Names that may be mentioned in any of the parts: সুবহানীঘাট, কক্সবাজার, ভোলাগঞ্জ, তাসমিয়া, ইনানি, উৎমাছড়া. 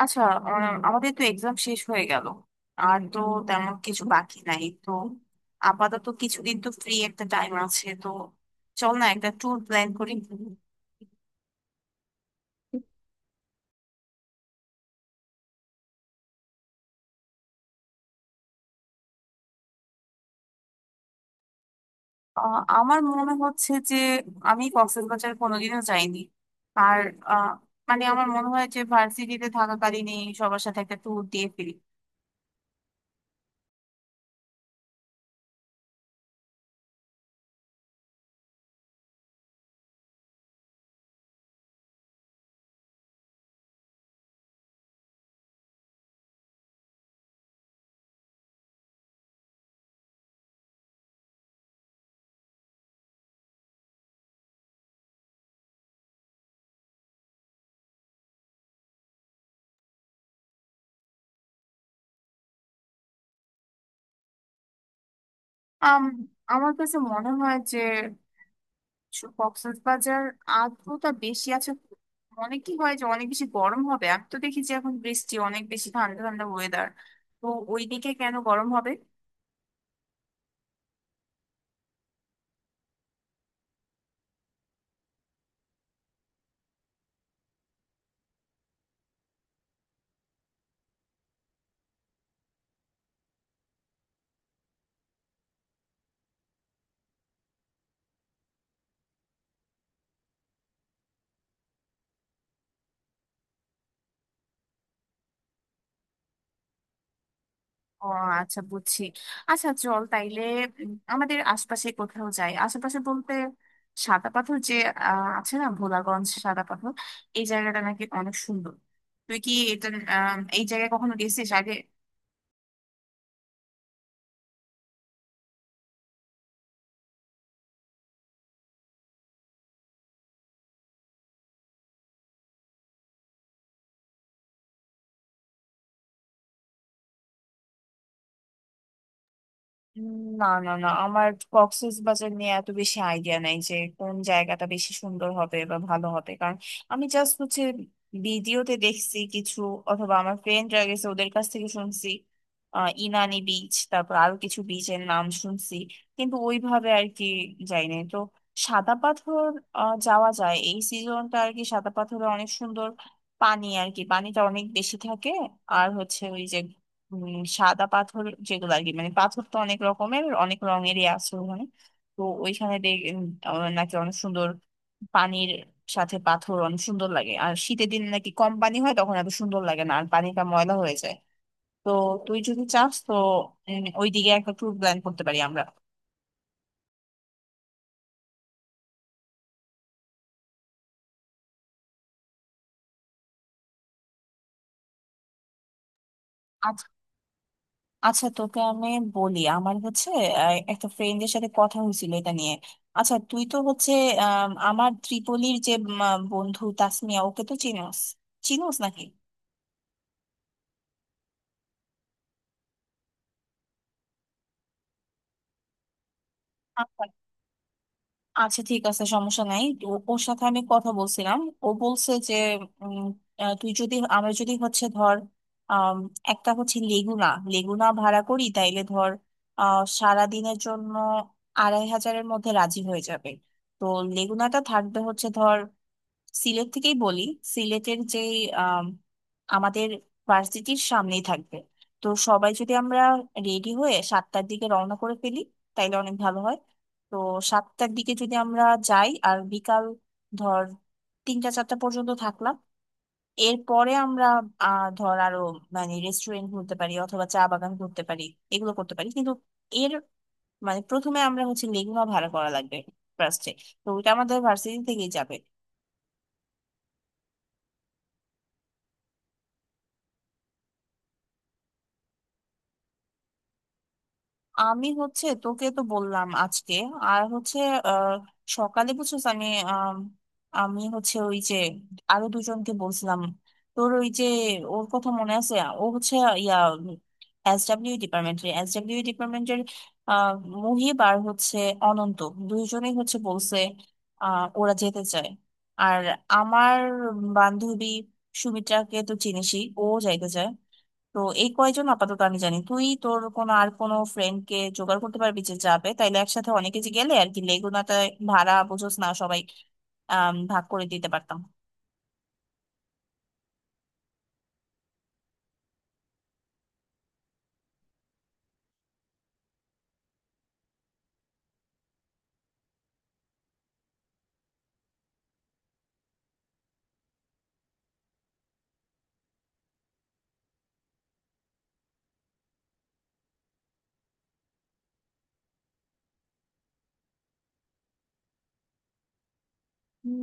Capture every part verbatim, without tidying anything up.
আচ্ছা। আহ, আমাদের তো এক্সাম শেষ হয়ে গেল। আর তো তেমন কিছু বাকি নাই তো। আপাতত কিছুদিন তো ফ্রি একটা টাইম আছে তো। চল না একটা ট্যুর প্ল্যান করি। আহ, আমার মনে হচ্ছে যে আমি কক্সবাজার কোনোদিনও যাইনি। আর আহ, মানে আমার মনে হয় যে ভার্সিটিতে থাকাকালীনই সবার সাথে একটা ট্যুর দিয়ে ফিরি। আম, আমার কাছে মনে হয় যে সু- কক্সবাজার আর্দ্রতা বেশি আছে। অনেক কি হয় যে অনেক বেশি গরম হবে। আমি তো দেখি যে এখন বৃষ্টি অনেক বেশি, ঠান্ডা ঠান্ডা ওয়েদার। তো ওইদিকে কেন গরম হবে? ও আচ্ছা, বুঝছি। আচ্ছা চল তাইলে উম, আমাদের আশপাশে কোথাও যাই। আশেপাশে বলতে সাদা পাথর যে আহ, আছে না, ভোলাগঞ্জ সাদা পাথর। এই জায়গাটা নাকি অনেক সুন্দর। তুই কি এটা আহ, এই জায়গায় কখনো গেছিস আগে? উম, না না না, আমার কক্সবাজার নিয়ে এত বেশি আইডিয়া নাই যে কোন জায়গাটা বেশি সুন্দর হবে বা ভালো হবে। কারণ আমি জাস্ট হচ্ছে ভিডিওতে দেখছি কিছু, অথবা আমার ফ্রেন্ডরা গেছে ওদের কাছ থেকে শুনছি। আহ ইনানি বিচ, তারপর আরো কিছু বিচের নাম শুনছি। কিন্তু ওইভাবে আর কি যাইনি তো। সাদা পাথর আহ, যাওয়া যায় এই সিজনটা আর কি। সাদা পাথরে অনেক সুন্দর পানি আর কি, পানিটা অনেক বেশি থাকে। আর হচ্ছে ওই যে উম, সাদা পাথর যেগুলো আর কি, মানে পাথর তো অনেক রকমের, অনেক রঙেরই আছে ওখানে। তো ওইখানে দেখ উম, আহ, নাকি অনেক সুন্দর। পানির সাথে পাথর অনেক সুন্দর লাগে। আর শীতের দিন নাকি কম পানি হয়, তখন এত সুন্দর লাগে না আর পানিটা ময়লা হয়ে যায়। তো তুই যদি চাস তো উম, ওইদিকে একটা ট্যুর প্ল্যান করতে পারি আমরা। আচ্ছা তোকে আমি বলি, আমার হচ্ছে আহ, একটা ফ্রেন্ডের সাথে কথা হয়েছিল এটা নিয়ে। আচ্ছা তুই তো হচ্ছে আম, আমার ত্রিপলির যে উম, আহ, বন্ধু তাসমিয়া, ওকে তো চিনোস? চিনোস নাকি? আচ্ছা, আচ্ছা, ঠিক আছে, সমস্যা নাই। ও- ওর সাথে আমি কথা বলছিলাম। ও বলছে যে উম, আহ, তুই যদি, আমরা যদি হচ্ছে ধর আম, একটা হচ্ছে লেগুনা, লেগুনা ভাড়া করি তাইলে ধর আহ সারাদিনের জন্য আড়াই হাজারের মধ্যে রাজি হয়ে যাবে। তো লেগুনাটা থাকবে হচ্ছে ধর সিলেট থেকেই বলি, সিলেটের যে আম, আমাদের ভার্সিটির সামনেই থাকবে। তো সবাই যদি আমরা রেডি হয়ে সাতটার দিকে রওনা করে ফেলি তাইলে অনেক ভালো হয়। তো সাতটার দিকে যদি আমরা যাই আর বিকাল ধর তিনটা চারটা পর্যন্ত থাকলাম, এরপরে আমরা আহ ধর আরো মানে রেস্টুরেন্ট ঘুরতে পারি, অথবা চা বাগান ঘুরতে পারি, এগুলো করতে পারি। কিন্তু এর মানে প্রথমে আমরা হচ্ছে লেগুনা ভাড়া করা লাগবে ফার্স্টে। তো ওইটা আমাদের ভার্সিটি থেকেই যাবে। আমি হচ্ছে তোকে তো বললাম আজকে। আর হচ্ছে আহ, সকালে বুঝছিস, আমি আম, আমি হচ্ছে ওই যে আরো দুজনকে বলছিলাম। তোর ওই যে, ওর কথা মনে আছে? ও হচ্ছে ইয়া এসডব্লিউ ডিপার্টমেন্টের এসডব্লিউ ডিপার্টমেন্টের মুহিব, আর হচ্ছে অনন্ত। দুইজনেই হচ্ছে বলছে আহ, ওরা যেতে চায়। আর আমার বান্ধবী সুমিত্রাকে তো চিনিসই, ও যাইতে চায়। তো এই কয়জন আপাতত আমি জানি। তুই তোর কোনো আর কোনো ফ্রেন্ড কে জোগাড় করতে পারবি যে যাবে? তাইলে একসাথে অনেকে যে গেলে আর কি, লেগুনাতে ভাড়া বুঝোস না, সবাই আম, ভাগ করে দিতে পারতাম।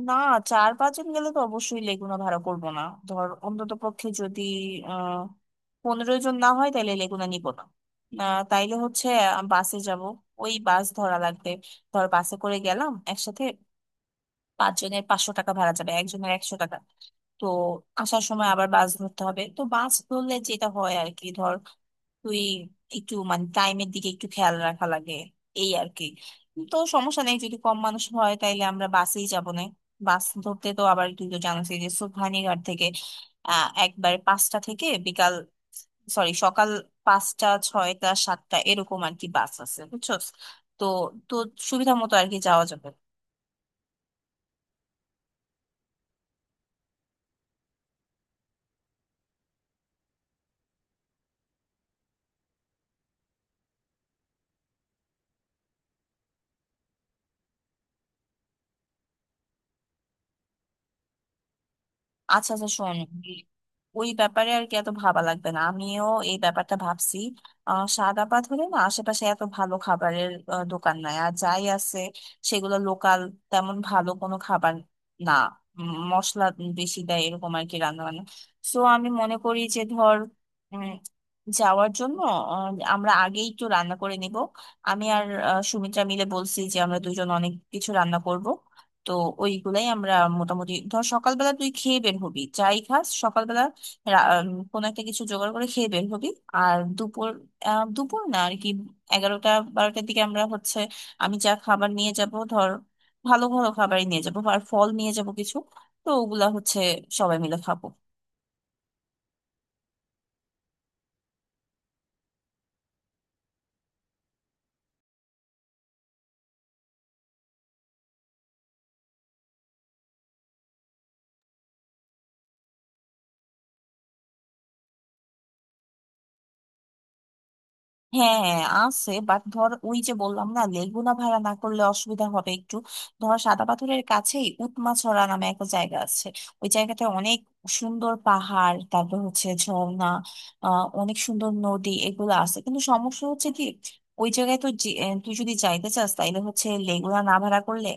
না, চার পাঁচজন গেলে তো অবশ্যই লেগুনা ভাড়া করব না। ধর অন্তত পক্ষে যদি আহ পনেরো জন না হয় তাহলে লেগুনা নিব না। আহ, তাইলে হচ্ছে আহ, বাসে যাব, ওই বাস ধরা লাগবে। ধর বাসে করে গেলাম একসাথে, পাঁচজনের পাঁচশো টাকা ভাড়া যাবে, একজনের একশো টাকা। তো আসার সময় আবার বাস ধরতে হবে। তো বাস ধরলে যেটা হয় আর কি, ধর তুই একটু মানে টাইমের দিকে একটু খেয়াল রাখা লাগে, এই আর কি। তো সমস্যা নেই, যদি কম মানুষ হয় তাইলে আমরা বাসেই যাবো না। বাস ধরতে তো আবার তুই তো জানিস যে সুবহানীঘাট থেকে আহ একবার পাঁচটা থেকে বিকাল, সরি সকাল পাঁচটা ছয়টা সাতটা এরকম আর কি বাস আছে, বুঝছো? তো তো সুবিধা মতো আর কি যাওয়া যাবে। আচ্ছা, আচ্ছা, শোন, ওই ব্যাপারে আর কি এত ভাবা লাগবে না। আমিও এই ব্যাপারটা ভাবছি। আহ সাদাপাত হলে না আশেপাশে এত ভালো খাবারের আহ, দোকান নাই। আর যাই আছে সেগুলো লোকাল, তেমন ভালো কোনো খাবার না। উম, মশলা বেশি দেয়, এরকম আর কি রান্না বান্না। সো আমি মনে করি যে ধর উম, যাওয়ার জন্য আহ, আমরা আগেই তো রান্না করে নিব। আমি আর আহ, সুমিত্রা মিলে বলছি যে আমরা দুজন অনেক কিছু রান্না করব। তো ওইগুলাই আমরা মোটামুটি ধর সকালবেলা তুই খেয়ে বের হবি, যাই খাস রা- উম, কোনো একটা কিছু জোগাড় করে খেয়ে বের হবি। আর দুপুর আহ, দুপুর না আর কি, এগারোটা বারোটার দিকে আমরা হচ্ছে, আমি যা খাবার নিয়ে যাব ধর ভালো ভালো খাবারই নিয়ে যাব, আর ফল নিয়ে যাব কিছু। তো ওগুলা হচ্ছে সবাই মিলে খাবো। হ্যাঁ হ্যাঁ আছে, বাট ধর ওই যে বললাম না, লেগুনা ভাড়া না করলে অসুবিধা হবে একটু। ধর সাদা পাথরের কাছেই উৎমাছড়া নামে একটা জায়গা আছে। ওই জায়গাটা অনেক সুন্দর, পাহাড়, তারপর হচ্ছে ঝর্ণা আহ অনেক সুন্দর নদী এগুলো আছে। কিন্তু সমস্যা হচ্ছে কি, ওই জায়গায় তো যে- আহ, তুই যদি যাইতে চাস তাইলে হচ্ছে লেগুনা না ভাড়া করলে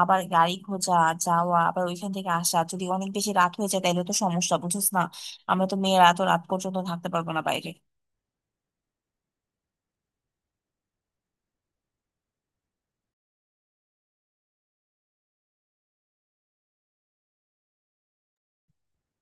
আবার গাড়ি খোঁজা, যাওয়া, আবার ওইখান থেকে আসা, যদি অনেক বেশি রাত হয়ে যায় তাইলে তো সমস্যা, বুঝছিস না? আমরা তো মেয়েরা তো রাত পর্যন্ত থাকতে পারবো না বাইরে।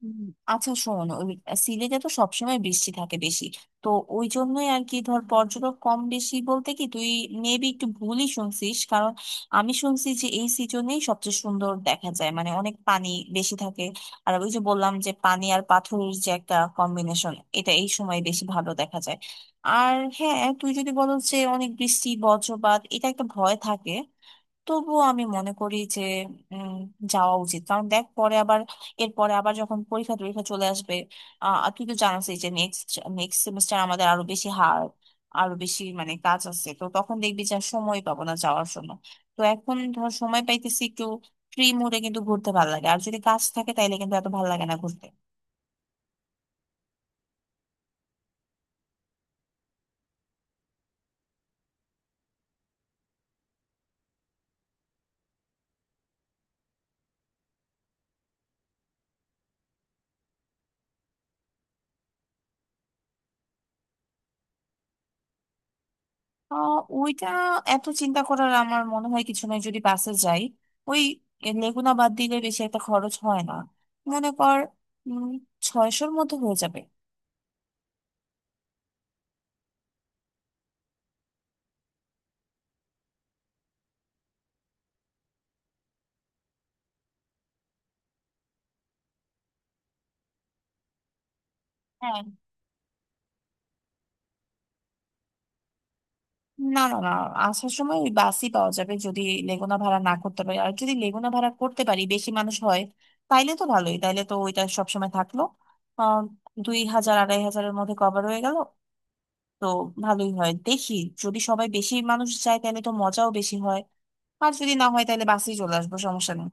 হুম। আচ্ছা শোন, ওই সিলেটে তো সবসময় বৃষ্টি থাকে বেশি। তো ওই জন্যই আর কি ধর, পর্যটক কম বেশি বলতে কি তুই মেবি একটু ভুলই শুনছিস। কারণ আমি শুনছি যে এই সিজনেই সবচেয়ে সুন্দর দেখা যায়, মানে অনেক পানি বেশি থাকে। আর ওই যে বললাম যে পানি আর পাথরের যে একটা কম্বিনেশন, এটা এই সময় বেশি ভালো দেখা যায়। আর হ্যাঁ তুই যদি বলো যে অনেক বৃষ্টি বজ্রপাত এটা একটা ভয় থাকে, তবুও আমি মনে করি যে উম, যাওয়া উচিত। কারণ দেখ পরে আবার, এরপরে আবার যখন পরীক্ষা টরীক্ষা চলে আসবে, আহ আর তুই তো জানাস যে নেক্সট নেক্সট সেমিস্টার আমাদের আরো বেশি হার, আরো বেশি মানে কাজ আছে। তো তখন দেখবি যে আর সময় পাবো না যাওয়ার জন্য। তো এখন ধর সময় পাইতেছি একটু, ফ্রি মুডে কিন্তু ঘুরতে ভালো লাগে, আর যদি কাজ থাকে তাইলে কিন্তু এত ভালো লাগে না ঘুরতে। আহ ওইটা এত চিন্তা করার আমার মনে হয় কিছু নয়। যদি বাসে যাই, ওই লেগুনা বাদ দিলে বেশি একটা খরচ হয় না। মনে কর উম ছয়শোর মধ্যে হয়ে যাবে। হ্যাঁ, না না না, আসার সময় ওই বাসই পাওয়া যাবে যদি লেগুনা ভাড়া না করতে পারি। আর যদি লেগুনা ভাড়া করতে পারি, বেশি মানুষ হয়, তাইলে তো ভালোই, তাইলে তো ওইটা সবসময় থাকলো। আহ দুই হাজার আড়াই হাজারের মধ্যে কভার হয়ে গেল। তো ভালোই হয় দেখি, যদি সবাই বেশি মানুষ যায় তাহলে তো মজাও বেশি হয়, আর যদি না হয় তাহলে বাসেই চলে আসবো, সমস্যা নেই।